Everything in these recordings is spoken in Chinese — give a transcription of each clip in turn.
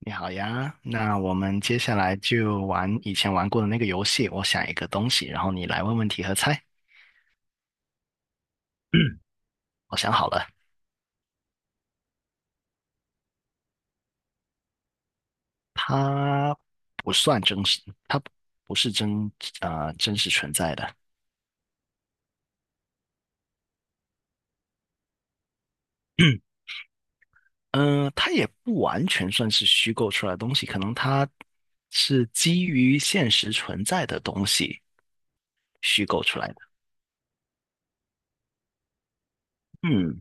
你好呀，那我们接下来就玩以前玩过的那个游戏。我想一个东西，然后你来问问题和猜。嗯，我想好了，它不算真实，它不不是真呃真实存在的。嗯、它也不完全算是虚构出来的东西，可能它是基于现实存在的东西虚构出来的。嗯，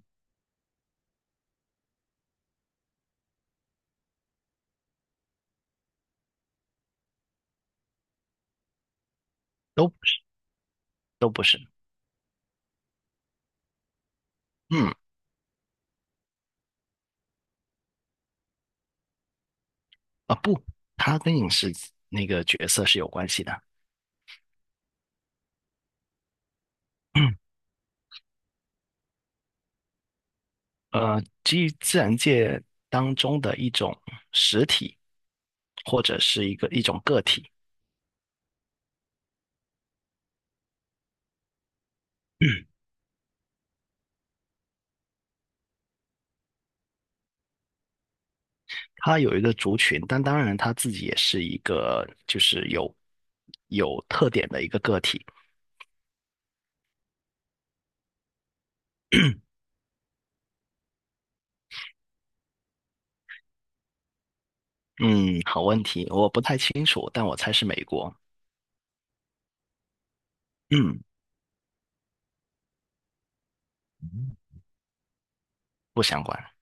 都不是都不是。嗯。不，它跟那个角色是有关系的。呃，基于自然界当中的一种实体，或者是一种个体，它有一个族群，但当然它自己也是一个就是有特点的一个个体。嗯，好问题，我不太清楚，但我猜是美国。嗯，不相关。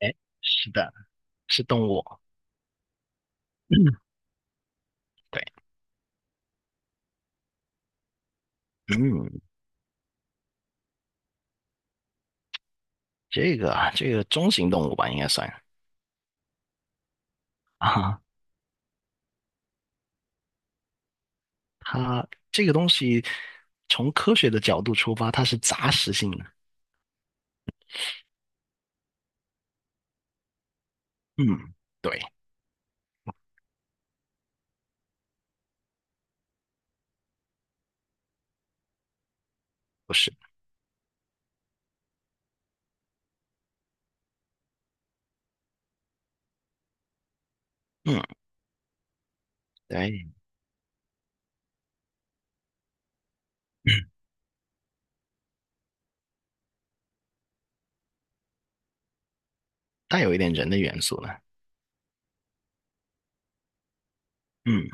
哎，是的，是动物。嗯，对。嗯，这个中型动物吧，应该算。啊。它这个东西从科学的角度出发，它是杂食性的。嗯，对，不是。嗯，对。带有一点人的元素了。嗯，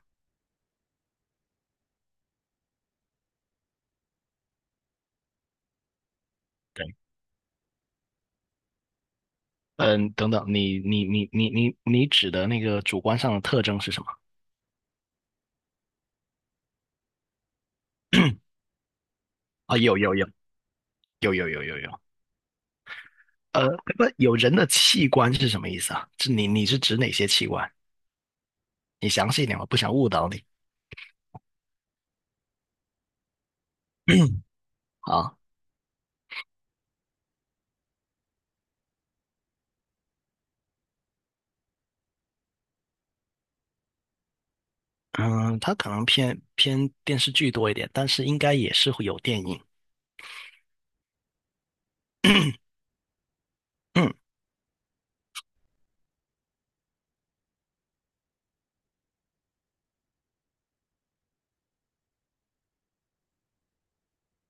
对。嗯，等等，你指的那个主观上的特征是什么？啊，有。呃，不，有人的器官是什么意思啊？是你是指哪些器官？你详细一点，我不想误导你。啊，嗯，它可能偏电视剧多一点，但是应该也是会有电影。嗯，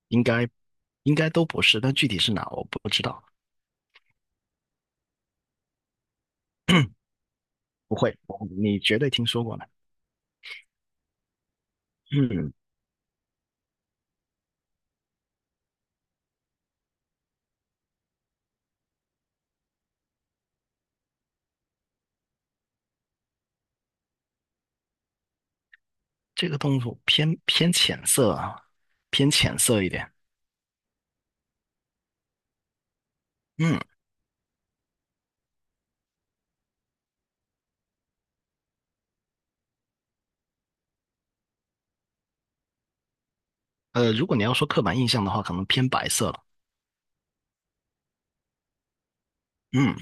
应该应该都不是，但具体是哪我不知道。不会，我你绝对听说过的。嗯，这个动物偏浅色啊，偏浅色一点。嗯，呃，如果你要说刻板印象的话，可能偏白色了。嗯，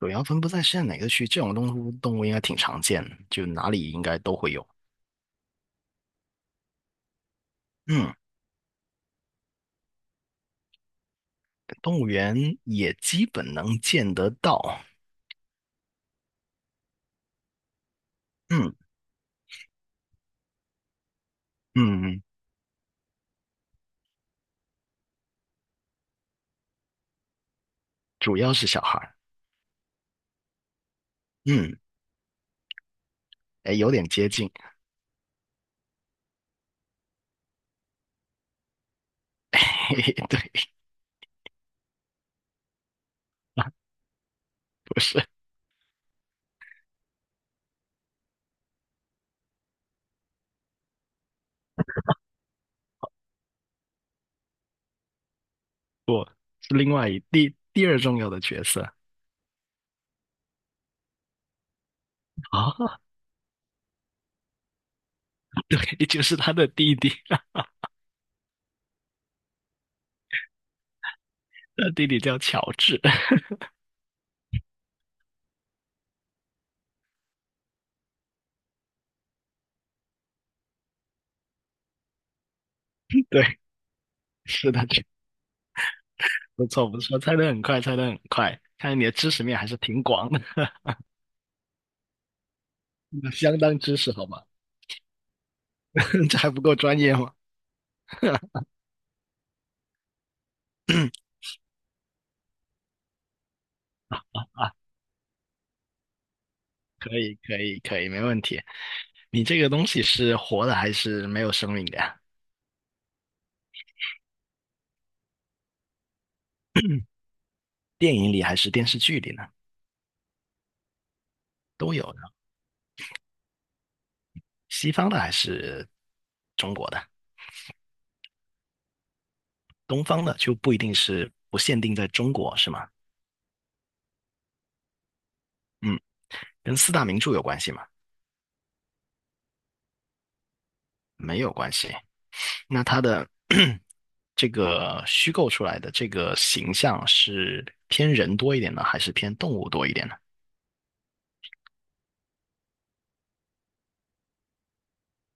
主要分布在现在哪个区？这种动物应该挺常见的，就哪里应该都会有。嗯，动物园也基本能见得到。嗯，嗯，主要是小孩儿。嗯，哎，有点接近。嘿嘿，对。不是。不，是另外第二重要的角色。啊，也就是他的弟弟，他弟弟叫乔治。对，是的，不错不错，猜得很快，猜得很快，看来你的知识面还是挺广的。相当知识好吗？这还不够专业吗？可以可以可以，没问题。你这个东西是活的还是没有生命的呀？电影里还是电视剧里呢？都有的，西方的还是中国的，东方的就不一定是不限定在中国，是吗？嗯。跟四大名著有关系吗？没有关系。那它的 这个虚构出来的这个形象是偏人多一点呢，还是偏动物多一点呢？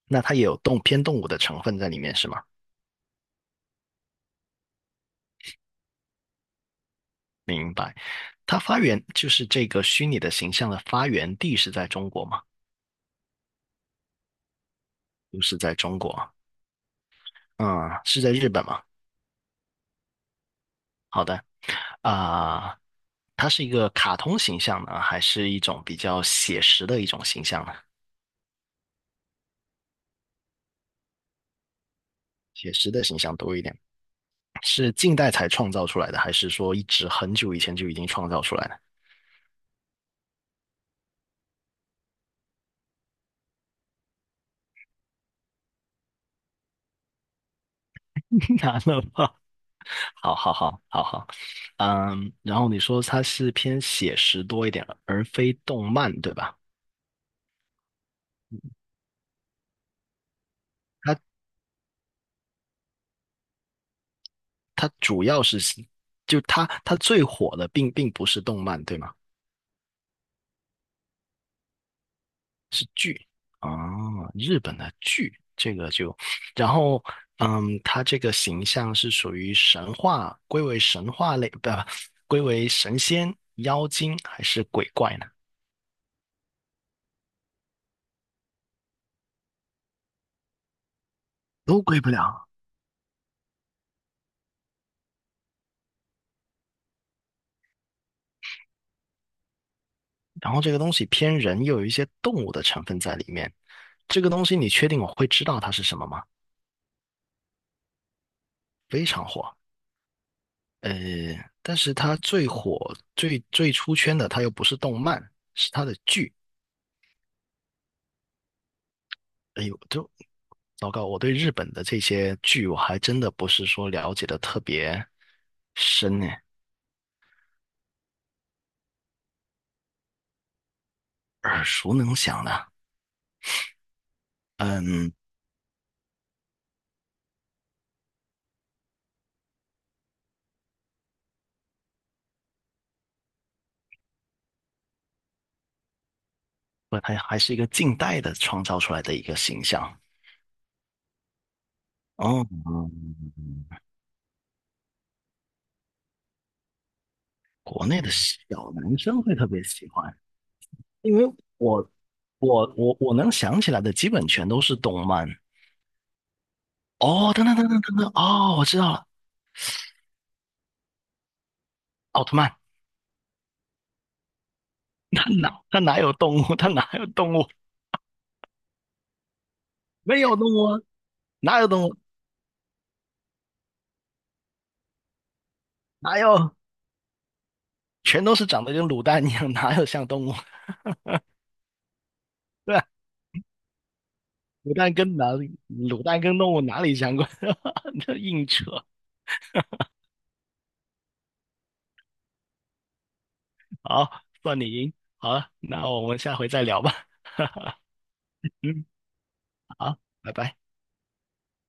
那它也有偏动物的成分在里面是吗？它发源就是这个虚拟的形象的发源地是在中国吗？不是在中国，嗯，是在日本吗？好的。啊、它是一个卡通形象呢，还是一种比较写实的一种形象呢？写实的形象多一点。是近代才创造出来的，还是说一直很久以前就已经创造出来的？难了吧？好，嗯，然后你说它是偏写实多一点，而非动漫，对吧？它它主要是就它它最火的并不是动漫，对吗？是剧啊，日本的剧，这个就，然后嗯，它这个形象是属于神话，归为神话类，不，归为神仙、妖精还是鬼怪呢？都归不了。然后这个东西偏人，又有一些动物的成分在里面。这个东西你确定我会知道它是什么吗？非常火，呃，但是它最火、最出圈的，它又不是动漫，是它的剧。哎呦，糟糕，我对日本的这些剧，我还真的不是说了解的特别深呢，耳熟能详的。嗯，不，它还是一个近代的创造出来的一个形象。哦，国内的小男生会特别喜欢，因为我我能想起来的基本全都是动漫。哦，等等，哦，我知道了，奥特曼。他哪有动物？他哪有动物？没有动物啊，哪有动物？哪有？全都是长得跟卤蛋一样，哪有像动物？对吧，卤蛋跟动物哪里相关？这硬扯。好，算你赢。好了，那我们下回再聊吧。嗯，好，拜拜。